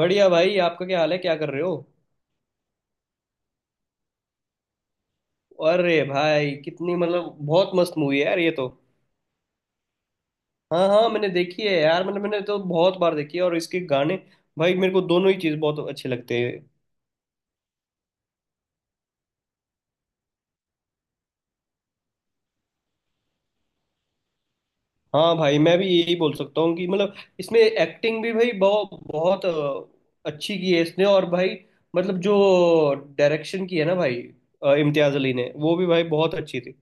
बढ़िया भाई। आपका क्या हाल है? क्या कर रहे हो? अरे भाई, कितनी मतलब बहुत मस्त मूवी है यार ये तो। हाँ हाँ, मैंने देखी है यार, मतलब मैंने तो बहुत बार देखी है। और इसके गाने, भाई मेरे को दोनों ही चीज़ बहुत अच्छे लगते हैं। हाँ भाई, मैं भी यही बोल सकता हूँ कि मतलब इसमें एक्टिंग भी भाई बहुत बहुत अच्छी की है इसने। और भाई मतलब जो डायरेक्शन की है ना भाई, इम्तियाज अली ने, वो भी भाई बहुत अच्छी थी।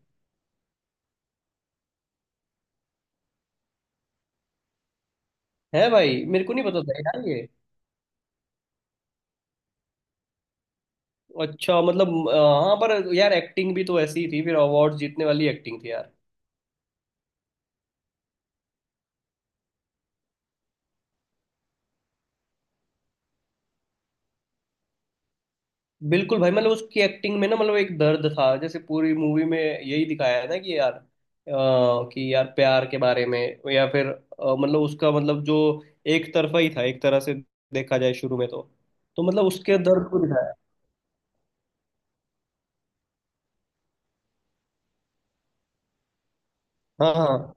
है भाई, मेरे को नहीं पता था यार ये। अच्छा मतलब हाँ, पर यार एक्टिंग भी तो ऐसी ही थी फिर, अवार्ड जीतने वाली एक्टिंग थी यार। बिल्कुल भाई, मतलब उसकी एक्टिंग में ना मतलब एक दर्द था, जैसे पूरी मूवी में यही दिखाया है ना कि यार कि यार प्यार के बारे में, या फिर मतलब उसका मतलब जो एक तरफा ही था, एक तरह से देखा जाए शुरू में तो मतलब उसके दर्द को दिखाया। हाँ हाँ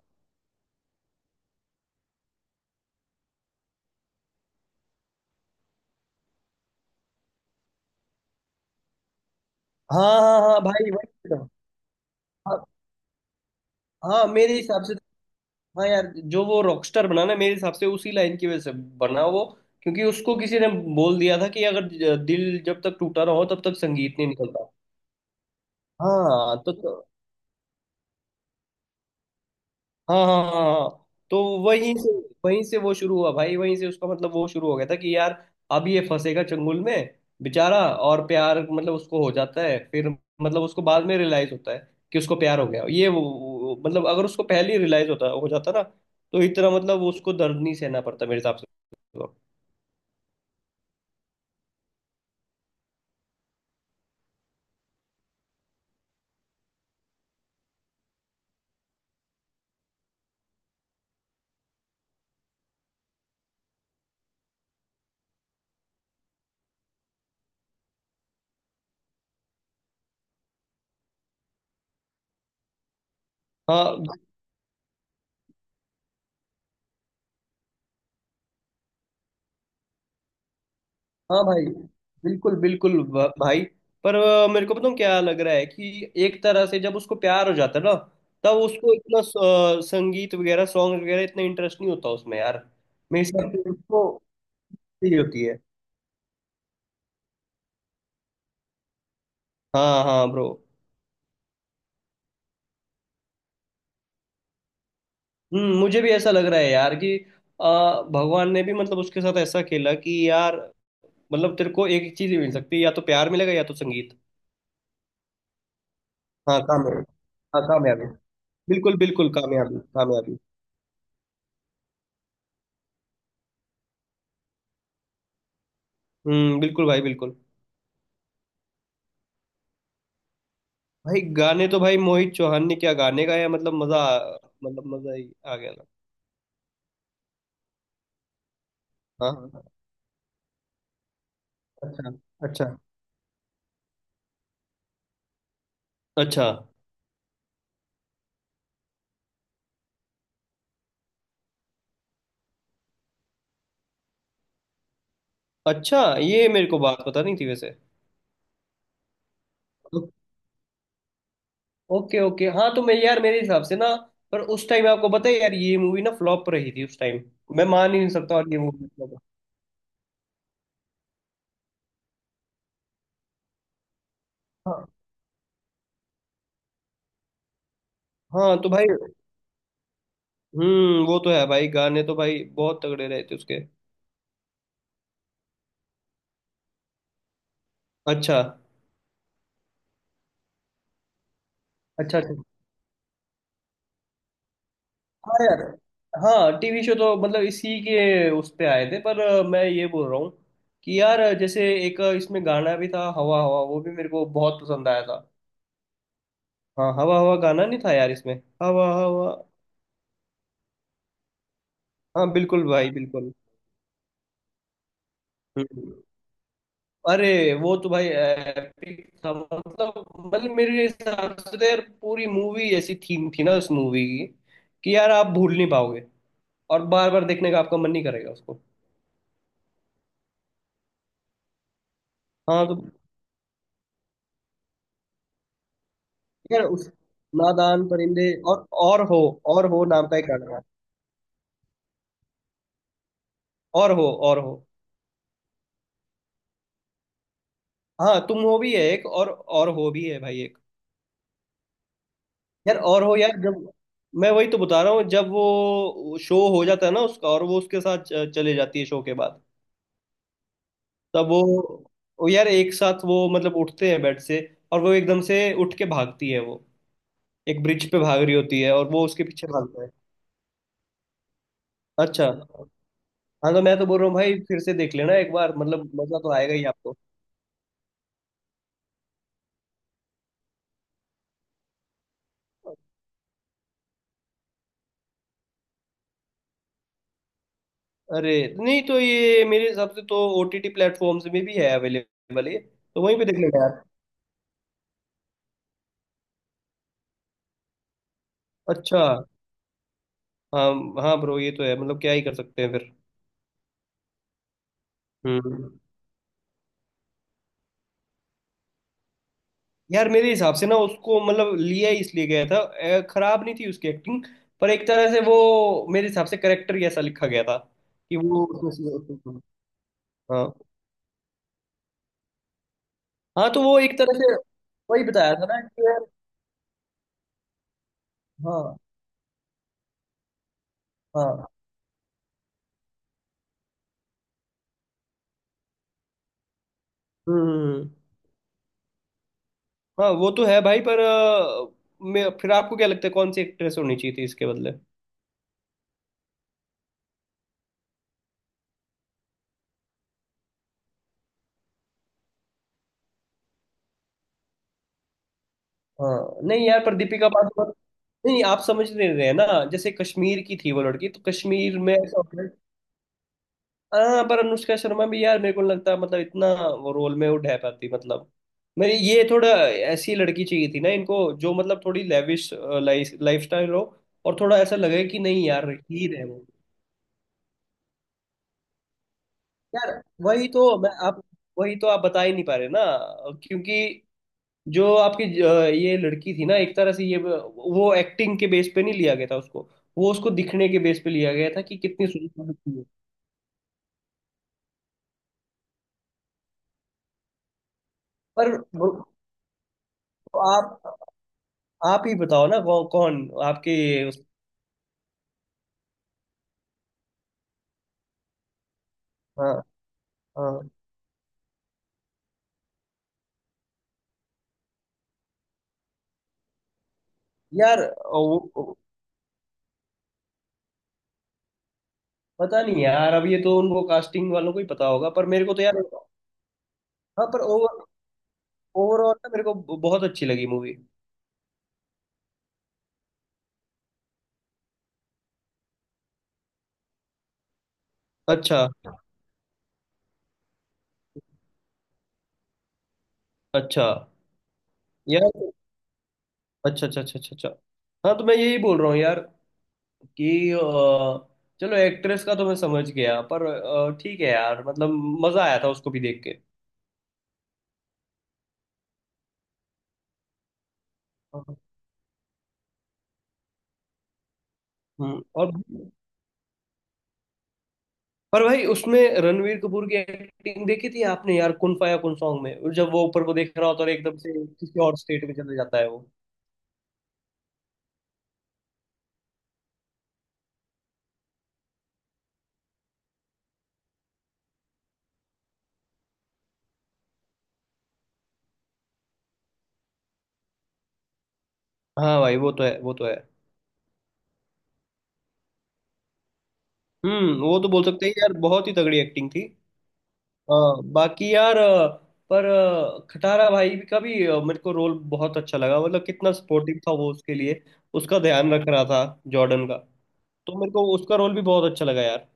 हाँ हाँ, हाँ भाई भाई। हाँ हाँ, मेरे हिसाब से तो। हाँ यार, जो वो रॉकस्टार बना ना मेरे हिसाब से उसी लाइन की वजह से बना वो। क्योंकि उसको किसी ने बोल दिया था कि अगर दिल जब तक टूटा ना हो तब तक संगीत नहीं निकलता। हाँ तो। हाँ हाँ हाँ हाँ। तो वहीं से वहीं से वो शुरू हुआ भाई, वहीं से उसका मतलब वो शुरू हो गया था कि यार अब ये फंसेगा चंगुल में बेचारा। और प्यार मतलब उसको हो जाता है फिर, मतलब उसको बाद में रियलाइज होता है कि उसको प्यार हो गया, ये मतलब अगर उसको पहले ही रियलाइज होता, हो जाता ना, तो इतना मतलब उसको दर्द नहीं सहना पड़ता मेरे हिसाब से। हाँ हाँ भाई। बिल्कुल बिल्कुल भाई। पर मेरे को पता क्या लग रहा है कि एक तरह से जब उसको प्यार हो जाता है ना, तब उसको इतना संगीत वगैरह, सॉन्ग वगैरह इतना इंटरेस्ट नहीं होता उसमें यार। मेरे हिसाब से उसको फील होती है। हाँ हाँ ब्रो। हम्म, मुझे भी ऐसा लग रहा है यार कि अ, भगवान ने भी मतलब उसके साथ ऐसा खेला कि यार मतलब तेरे को एक ही चीज ही मिल सकती है, या तो प्यार मिलेगा या तो संगीत। हाँ कामयाबी। हाँ कामयाबी। बिल्कुल बिल्कुल, कामयाबी कामयाबी। हम्म, बिल्कुल भाई बिल्कुल। भाई गाने तो भाई मोहित चौहान ने क्या गाने गाया, मतलब मतलब मजा ही आ गया था। हाँ हाँ, हाँ। अच्छा अच्छा। अच्छा अच्छा, ये मेरे को बात पता नहीं थी वैसे। ओ- ओके ओके, हाँ तो मैं यार मेरे हिसाब से ना, पर उस टाइम आपको पता है यार ये मूवी ना फ्लॉप रही थी उस टाइम। मैं मान ही नहीं सकता और ये मूवी फ्लॉप। हाँ। हाँ तो भाई, वो तो है भाई, गाने तो भाई बहुत तगड़े रहे थे उसके। अच्छा अच्छा अच्छा। हाँ यार। हाँ टीवी शो तो मतलब इसी के उस पे आए थे, पर मैं ये बोल रहा हूँ कि यार जैसे एक इसमें गाना भी था हवा हवा, वो भी मेरे को बहुत पसंद आया था। हाँ हवा हवा गाना नहीं था यार इसमें? हवा हवा? हाँ बिल्कुल भाई बिल्कुल। हम्म। अरे, वो तो भाई एपिक था मतलब। मतलब मेरे हिसाब से तो यार पूरी मूवी ऐसी थीम थी ना उस मूवी की कि यार आप भूल नहीं पाओगे। और बार बार देखने का आपका मन नहीं करेगा उसको। हाँ तो यार, उस नादान परिंदे, और हो, और हो नाम का एक गाना है। और हो, और हो। हाँ तुम हो भी है एक, और हो भी है भाई एक। यार और हो यार, जब मैं वही तो बता रहा हूँ, जब वो शो हो जाता है ना उसका, और वो उसके साथ चले जाती है शो के बाद, तब वो यार एक साथ वो मतलब उठते हैं बेड से, और वो एकदम से उठ के भागती है वो, एक ब्रिज पे भाग रही होती है और वो उसके पीछे भागता है। अच्छा। हाँ तो मैं तो बोल रहा हूँ भाई फिर से देख लेना एक बार, मतलब मजा तो आएगा ही आपको। अरे नहीं तो, ये मेरे हिसाब से तो ओटीटी प्लेटफॉर्म्स में भी है अवेलेबल ये। तो वहीं पे देख लेना यार। अच्छा। हाँ हाँ ब्रो, ये तो है, मतलब क्या ही कर सकते हैं फिर। हम्म, यार मेरे हिसाब से ना उसको मतलब लिया ही इसलिए गया था, खराब नहीं थी उसकी एक्टिंग। पर एक तरह से वो मेरे हिसाब से करेक्टर ही ऐसा लिखा गया था कि हाँ। हाँ तो वो एक तरह से, वही बताया था ना कि यार, हाँ हाँ। हम्म। हाँ वो तो है भाई, पर मैं, फिर आपको क्या लगता है कौन सी एक्ट्रेस होनी चाहिए थी इसके बदले? हाँ। नहीं यार, पर दीपिका पादुकोण। नहीं आप समझ नहीं रहे हैं ना, जैसे कश्मीर की थी वो लड़की, तो कश्मीर में ऐसा होता है। हाँ पर अनुष्का शर्मा भी यार मेरे को नहीं लगता मतलब इतना वो रोल में वो ढह पाती, मतलब मेरी ये थोड़ा ऐसी लड़की चाहिए थी ना इनको जो मतलब थोड़ी लेविश लाइफ लाइफस्टाइल हो, और थोड़ा ऐसा लगे कि नहीं यार हीर है वो। यार वही तो मैं आप वही तो आप बता ही नहीं पा रहे ना, क्योंकि जो आपकी ये लड़की थी ना, एक तरह से ये वो एक्टिंग के बेस पे नहीं लिया गया था उसको, वो उसको दिखने के बेस पे लिया गया था कि कितनी सुंदर दिखती है। पर वो- आप आप ही बताओ ना कौन आपके उस। हाँ हाँ यार वो पता नहीं यार, अब ये तो उनको कास्टिंग वालों को ही पता होगा, पर मेरे को तो यार। हाँ पर ओवरऑल ना मेरे को बहुत अच्छी लगी मूवी। अच्छा। अच्छा यार। अच्छा अच्छा अच्छा अच्छा अच्छा। हाँ तो मैं यही बोल रहा हूँ यार कि चलो एक्ट्रेस का तो मैं समझ गया, पर ठीक है यार, मतलब मजा आया था उसको भी देख के। हम्म। और पर भाई उसमें रणवीर कपूर की एक्टिंग देखी थी आपने यार कुन फाया कुन सॉन्ग में, और जब वो ऊपर को देख रहा होता है और एकदम से किसी और स्टेट में चले जाता है वो। हाँ भाई वो तो है, वो तो है। हम्म, वो तो बोल सकते हैं यार बहुत ही तगड़ी एक्टिंग थी। हाँ बाकी यार पर खटारा भाई का भी मेरे को रोल बहुत अच्छा लगा, मतलब कितना सपोर्टिव था वो उसके लिए, उसका ध्यान रख रहा था जॉर्डन का। तो मेरे को उसका रोल भी बहुत अच्छा लगा यार।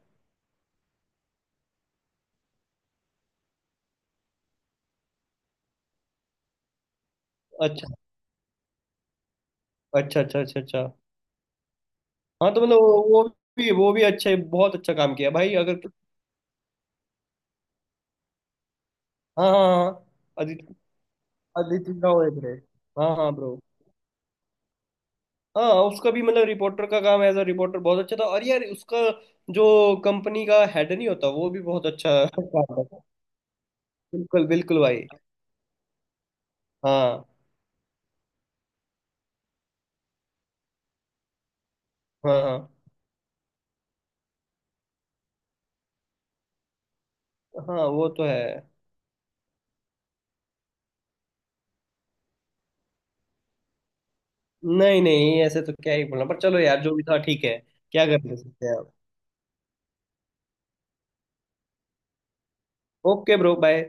अच्छा अच्छा अच्छा अच्छा अच्छा। हाँ तो मतलब वो भी, वो भी अच्छा है, बहुत अच्छा काम किया भाई, अगर। हाँ हाँ हाँ। अदिति, अदिति राव हेगड़े। हाँ हाँ ब्रो। हाँ उसका भी मतलब रिपोर्टर का काम, एज अ रिपोर्टर बहुत अच्छा था। और यार उसका जो कंपनी का हेड नहीं होता वो भी बहुत अच्छा काम था। बिल्कुल बिल्कुल भाई। हाँ। हाँ हाँ। हाँ वो तो है। नहीं नहीं, ऐसे तो क्या ही बोलना, पर चलो यार जो भी था ठीक है। क्या कर सकते हैं आप। Okay bro bye.